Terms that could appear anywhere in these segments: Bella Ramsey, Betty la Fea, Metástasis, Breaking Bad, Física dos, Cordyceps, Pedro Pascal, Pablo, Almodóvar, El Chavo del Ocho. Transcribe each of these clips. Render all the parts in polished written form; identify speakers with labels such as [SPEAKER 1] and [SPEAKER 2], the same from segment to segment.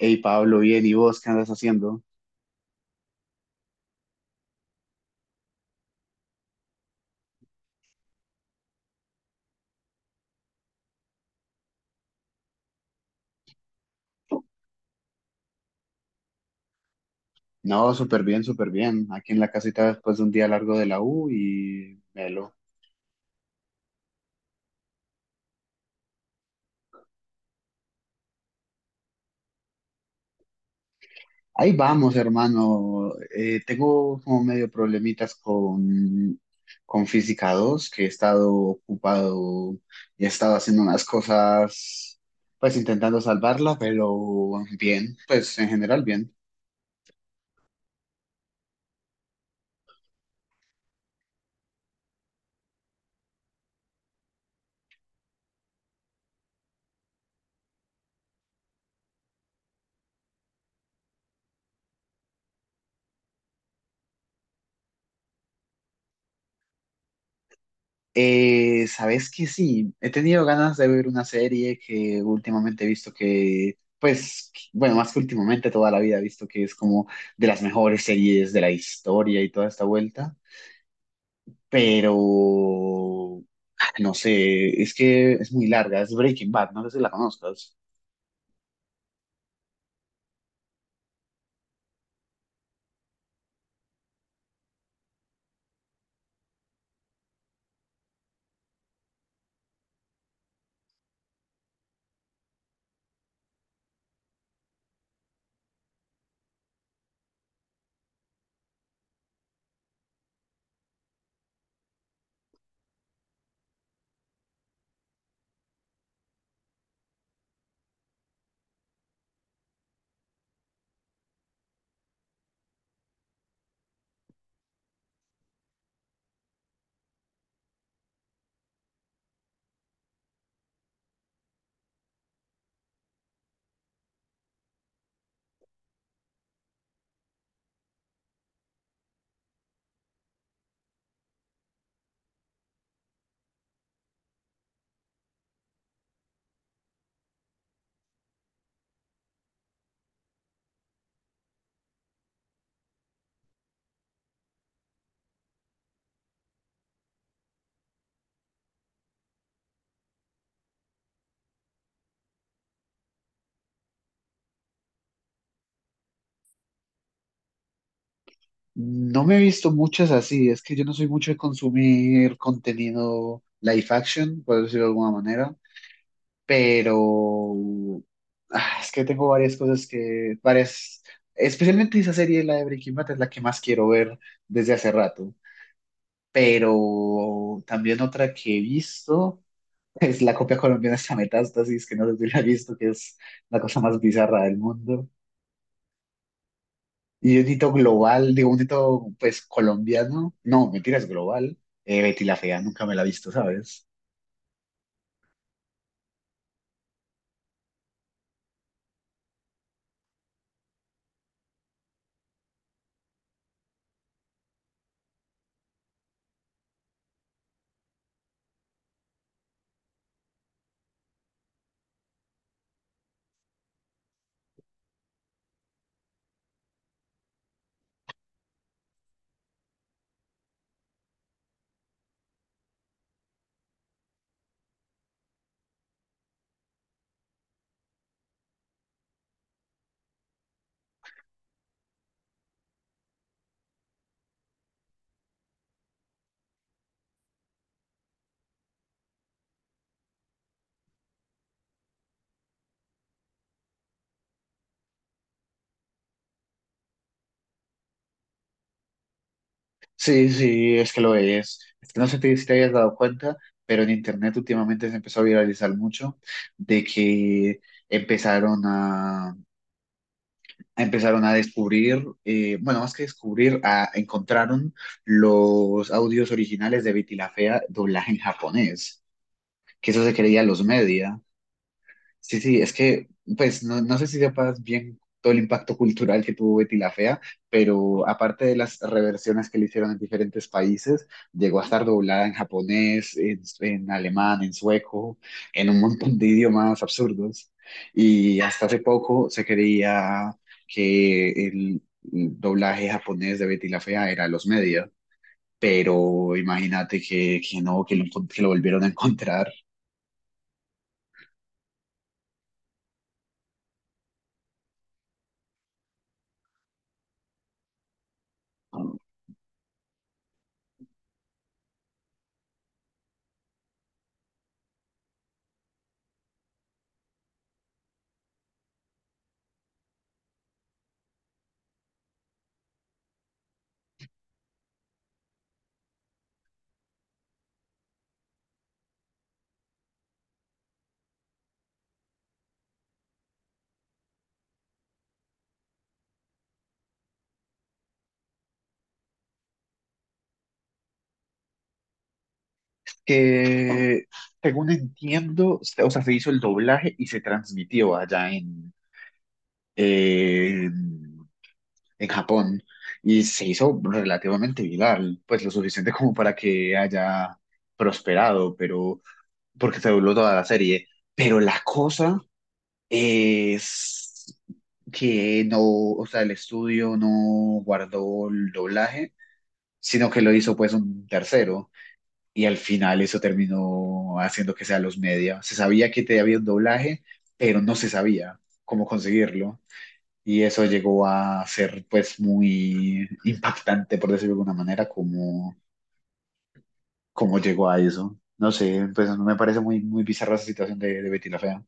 [SPEAKER 1] Hey Pablo, bien, ¿y vos qué andas haciendo? No, súper bien, súper bien. Aquí en la casita después de un día largo de la U y melo. Ahí vamos, hermano. Tengo como medio problemitas con Física dos, que he estado ocupado y he estado haciendo unas cosas, pues intentando salvarla, pero bien, pues en general bien. Sabes que sí, he tenido ganas de ver una serie que últimamente he visto que bueno, más que últimamente, toda la vida he visto que es como de las mejores series de la historia y toda esta vuelta, pero no sé, es que es muy larga, es Breaking Bad, no sé si la conozcas. No me he visto muchas así, es que yo no soy mucho de consumir contenido live action, por decirlo de alguna manera. Pero es que tengo varias cosas que varias, especialmente esa serie, la de Breaking Bad, es la que más quiero ver desde hace rato, pero también otra que he visto es la copia colombiana de esta, Metástasis, que no sé si la he visto, que es la cosa más bizarra del mundo. Y un hito global, digo, un hito pues colombiano, no, mentira, es global. Betty la Fea nunca me la he visto, ¿sabes? Sí, sí, es que lo es. Es que no sé si te hayas dado cuenta, pero en internet últimamente se empezó a viralizar mucho de que empezaron a, empezaron a descubrir, bueno, más que descubrir, a, encontraron los audios originales de Betty la Fea doblaje en japonés, que eso se creía los media. Sí, sí, es que, pues, no, no sé si sepas bien todo el impacto cultural que tuvo Betty la Fea, pero aparte de las reversiones que le hicieron en diferentes países, llegó a estar doblada en japonés, en alemán, en sueco, en un montón de idiomas absurdos. Y hasta hace poco se creía que el doblaje japonés de Betty la Fea era los medios, pero imagínate que no, que lo volvieron a encontrar. Que según entiendo, o sea, se hizo el doblaje y se transmitió allá en, en Japón y se hizo relativamente viral, pues lo suficiente como para que haya prosperado, pero porque se dobló toda la serie. Pero la cosa es que no, o sea, el estudio no guardó el doblaje, sino que lo hizo pues un tercero. Y al final eso terminó haciendo que sea los media. Se sabía que te había un doblaje, pero no se sabía cómo conseguirlo. Y eso llegó a ser pues muy impactante, por decirlo de alguna manera, cómo llegó a eso. No sé, pues me parece muy, muy bizarra esa situación de Betty la Fea.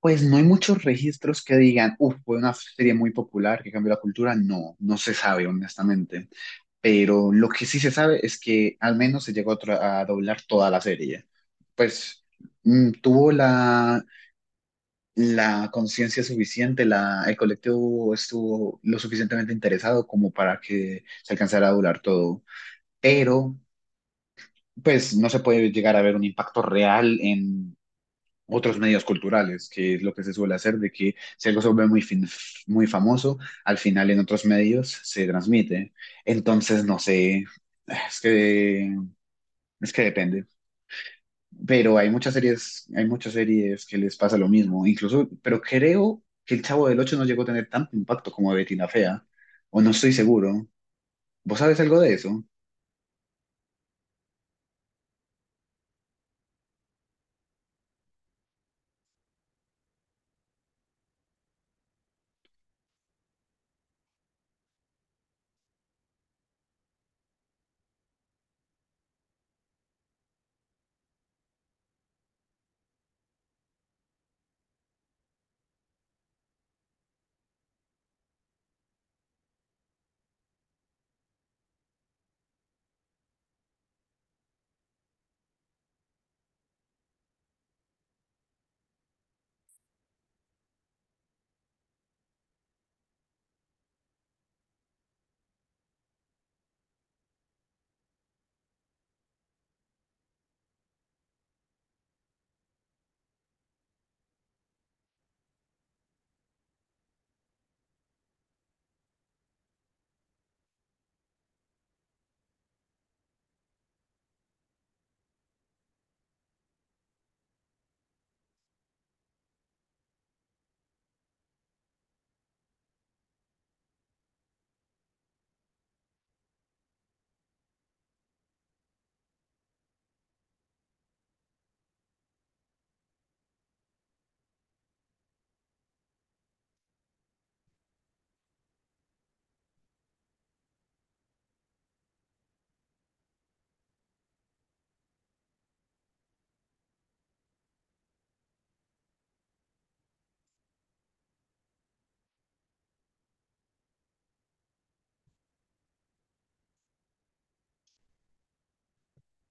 [SPEAKER 1] Pues no hay muchos registros que digan, uff, fue una serie muy popular que cambió la cultura. No, no se sabe, honestamente. Pero lo que sí se sabe es que al menos se llegó a, a doblar toda la serie. Pues mm, tuvo la conciencia suficiente, la, el colectivo estuvo lo suficientemente interesado como para que se alcanzara a doblar todo, pero pues no se puede llegar a ver un impacto real en otros medios culturales, que es lo que se suele hacer, de que si algo se vuelve muy famoso, al final en otros medios se transmite. Entonces, no sé, es que Es que depende, pero hay muchas series que les pasa lo mismo, incluso, pero creo que El Chavo del Ocho no llegó a tener tanto impacto como Betty la Fea, o no estoy seguro. ¿Vos sabes algo de eso?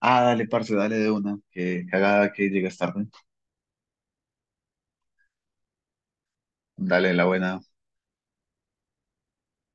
[SPEAKER 1] Ah, dale, parce, dale de una, que cagada que llegas tarde. Dale la buena.